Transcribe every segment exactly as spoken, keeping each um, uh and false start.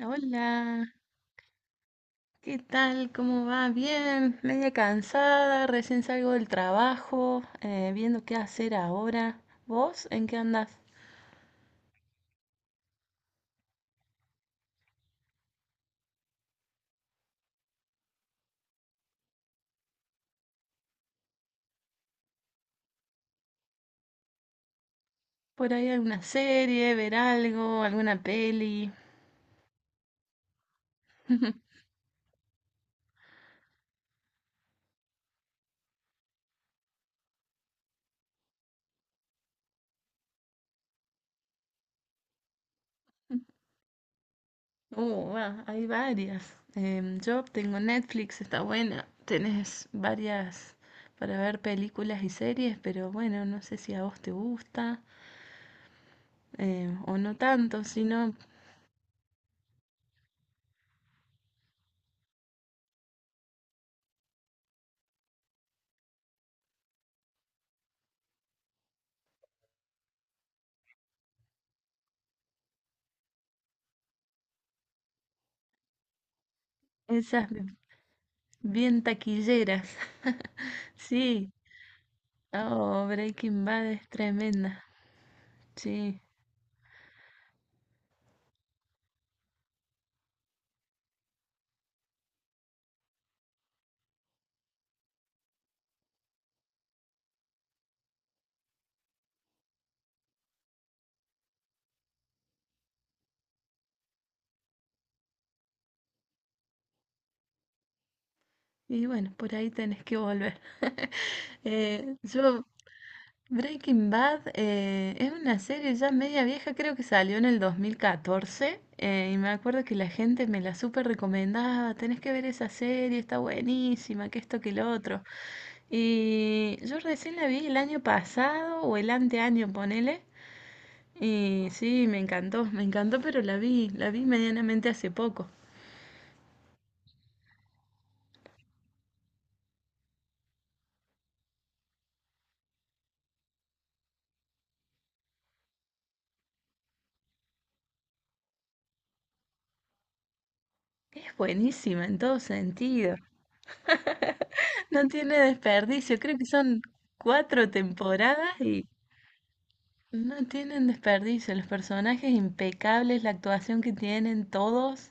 Hola, ¿qué tal? ¿Cómo va? Bien, media cansada, recién salgo del trabajo, eh, viendo qué hacer ahora. ¿Vos en qué andás? ¿Por ahí alguna serie, ver algo, alguna peli? Uh, va, hay varias. Em, yo tengo Netflix, está buena. Tenés varias para ver películas y series, pero bueno, no sé si a vos te gusta eh, o no tanto, sino esas bien taquilleras. Sí. Oh, Breaking Bad es tremenda. Sí. Y bueno, por ahí tenés que volver. Eh, yo, Breaking Bad eh, es una serie ya media vieja, creo que salió en el dos mil catorce. Eh, y me acuerdo que la gente me la súper recomendaba. Tenés que ver esa serie, está buenísima, que esto, que lo otro. Y yo recién la vi el año pasado o el anteaño, ponele. Y sí, me encantó, me encantó, pero la vi, la vi medianamente hace poco. Es buenísima en todo sentido. No tiene desperdicio. Creo que son cuatro temporadas y no tienen desperdicio. Los personajes impecables, la actuación que tienen todos.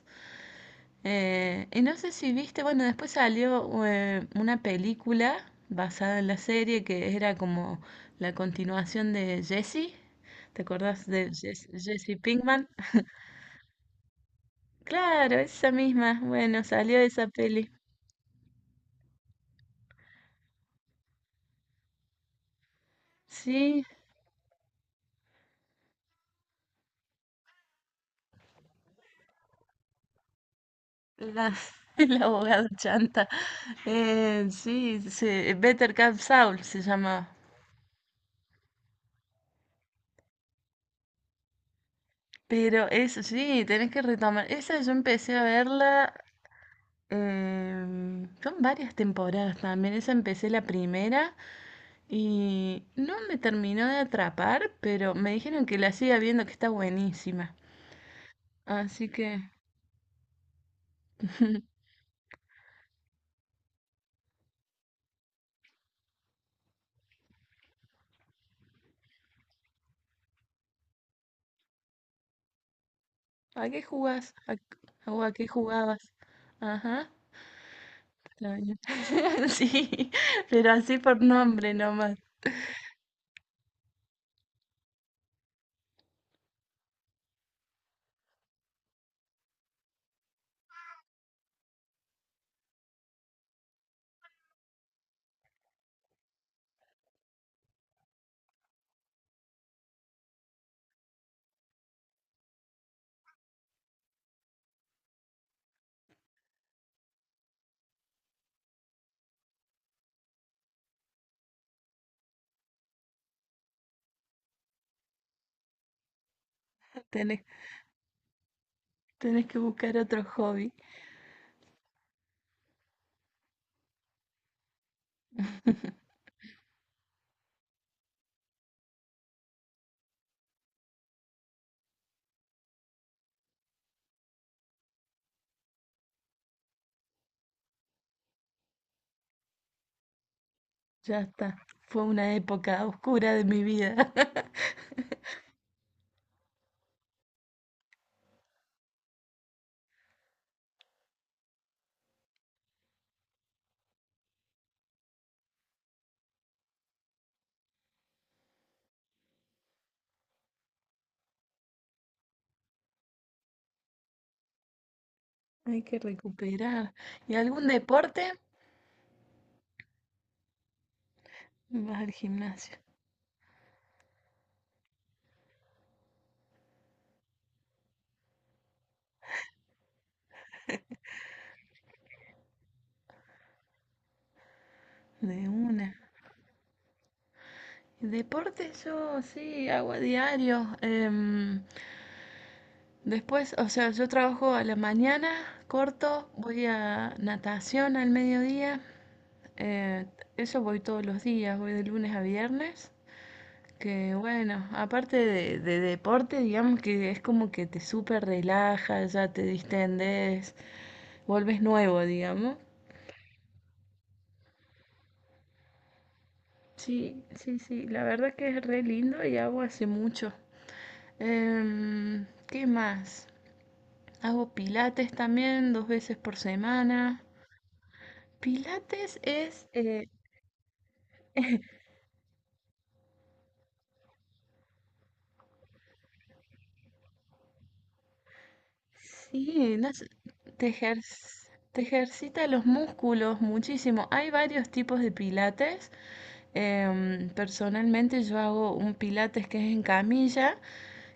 Eh, y no sé si viste, bueno, después salió eh, una película basada en la serie que era como la continuación de Jessie. ¿Te acordás de Jess- Jesse Pinkman? Claro, esa misma. Bueno, salió de esa peli. Sí, la, el abogado chanta. Eh, sí, se- Better Call Saul se llama. Pero eso sí, tenés que retomar. Esa yo empecé a verla. Em, son varias temporadas también. Esa empecé la primera y no me terminó de atrapar, pero me dijeron que la siga viendo, que está buenísima. Así que, ¿a qué jugás? ¿A, o a qué jugabas? Ajá. Extraño. Sí, pero así por nombre nomás. Tenés, tenés que buscar otro hobby. Ya está. Fue una época oscura de mi vida. Hay que recuperar. ¿Y algún deporte? Vas al gimnasio. De una. Deporte yo sí hago a diario. Em, después, o sea, yo trabajo a la mañana, corto, voy a natación al mediodía. eh, eso voy todos los días, voy de lunes a viernes. Que bueno, aparte de, de deporte, digamos que es como que te súper relajas, ya te distendes, vuelves nuevo, digamos. Sí, sí, sí, la verdad que es re lindo y hago hace mucho. Em, ¿qué más? Hago pilates también dos veces por semana. Pilates es, eh, sí, no sé, te ejer- te ejercita los músculos muchísimo. Hay varios tipos de pilates. Em, personalmente yo hago un pilates que es en camilla,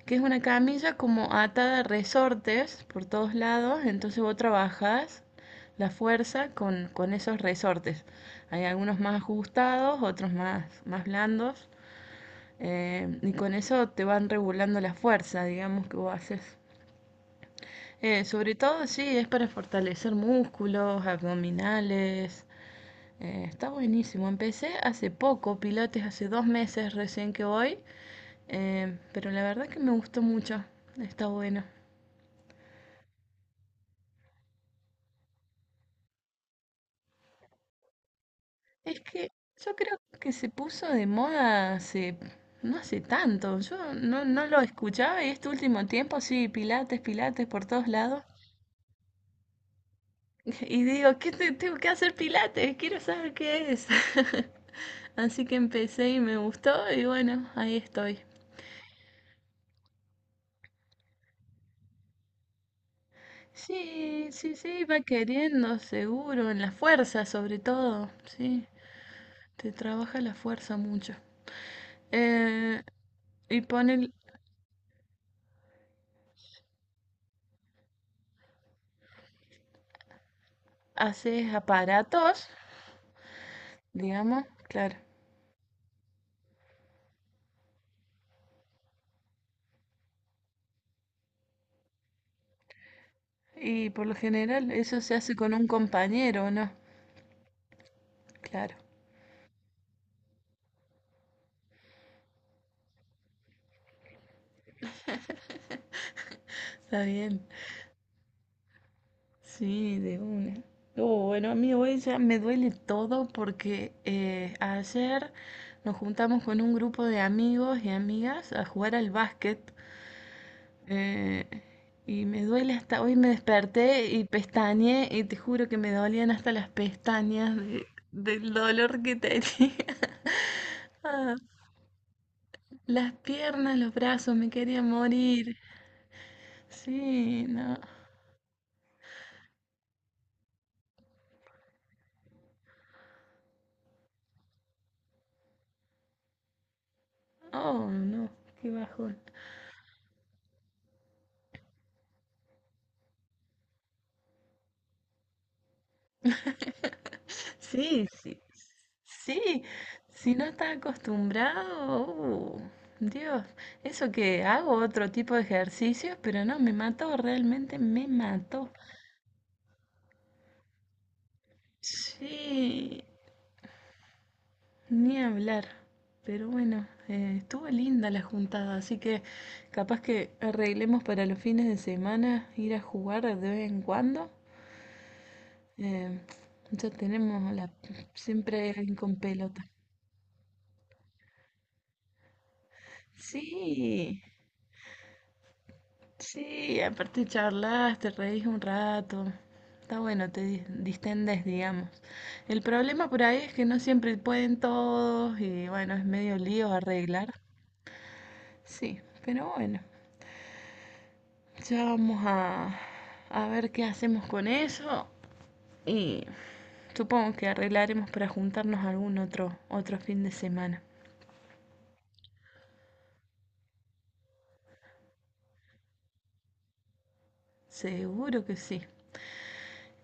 que es una camilla como atada a resortes por todos lados, entonces vos trabajas la fuerza con, con esos resortes. Hay algunos más ajustados, otros más, más blandos, em, y con eso te van regulando la fuerza, digamos, que vos haces. Eh, sobre todo, sí, es para fortalecer músculos, abdominales, eh, está buenísimo. Empecé hace poco, Pilates, hace dos meses recién que voy, eh, pero la verdad que me gustó mucho. Está bueno. Es que yo creo que se puso de moda hace, no hace tanto. Yo no, no lo escuchaba y este último tiempo sí, Pilates, Pilates por todos lados. Y digo, ¿qué te- tengo que hacer Pilates? Quiero saber qué es. Así que empecé y me gustó y bueno, ahí estoy. Sí, sí, sí, va queriendo, seguro, en la fuerza sobre todo, sí, te trabaja la fuerza mucho. Eh, y ponen, haces aparatos, digamos, claro. Y por lo general eso se hace con un compañero, ¿no? Claro, está bien. Sí, de una. Oh, bueno, a mí hoy ya me duele todo porque eh, ayer nos juntamos con un grupo de amigos y amigas a jugar al básquet. Eh, y me duele hasta hoy, me desperté y pestañeé y te juro que me dolían hasta las pestañas de- del dolor que tenía. Ah, las piernas, los brazos, me quería morir. Sí, no. Oh, no, qué bajón. Sí, sí. Sí, si no estás acostumbrado, uh, Dios, eso que hago otro tipo de ejercicios, pero no, me mató, realmente me mató. Sí, ni hablar. Pero bueno, eh, estuvo linda la juntada, así que capaz que arreglemos para los fines de semana ir a jugar de vez en cuando. Eh, ya tenemos la siempre alguien con pelota. Sí, sí, aparte charlas, te reís un rato. Está bueno, te dis- distendes, digamos. El problema por ahí es que no siempre pueden todos y bueno, es medio lío arreglar. Sí, pero bueno. Ya vamos a, a ver qué hacemos con eso y supongo que arreglaremos para juntarnos algún otro, otro fin de semana. Seguro que sí.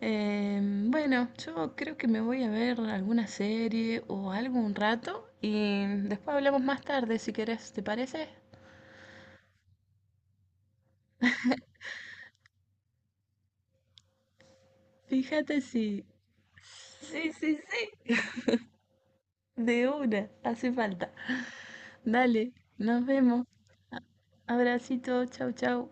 Eh, bueno, yo creo que me voy a ver alguna serie o algo un rato y después hablamos más tarde si querés, ¿te parece? Fíjate si... Sí, sí, sí. De una, hace falta. Dale, nos vemos. A- Abracito, chau, chau.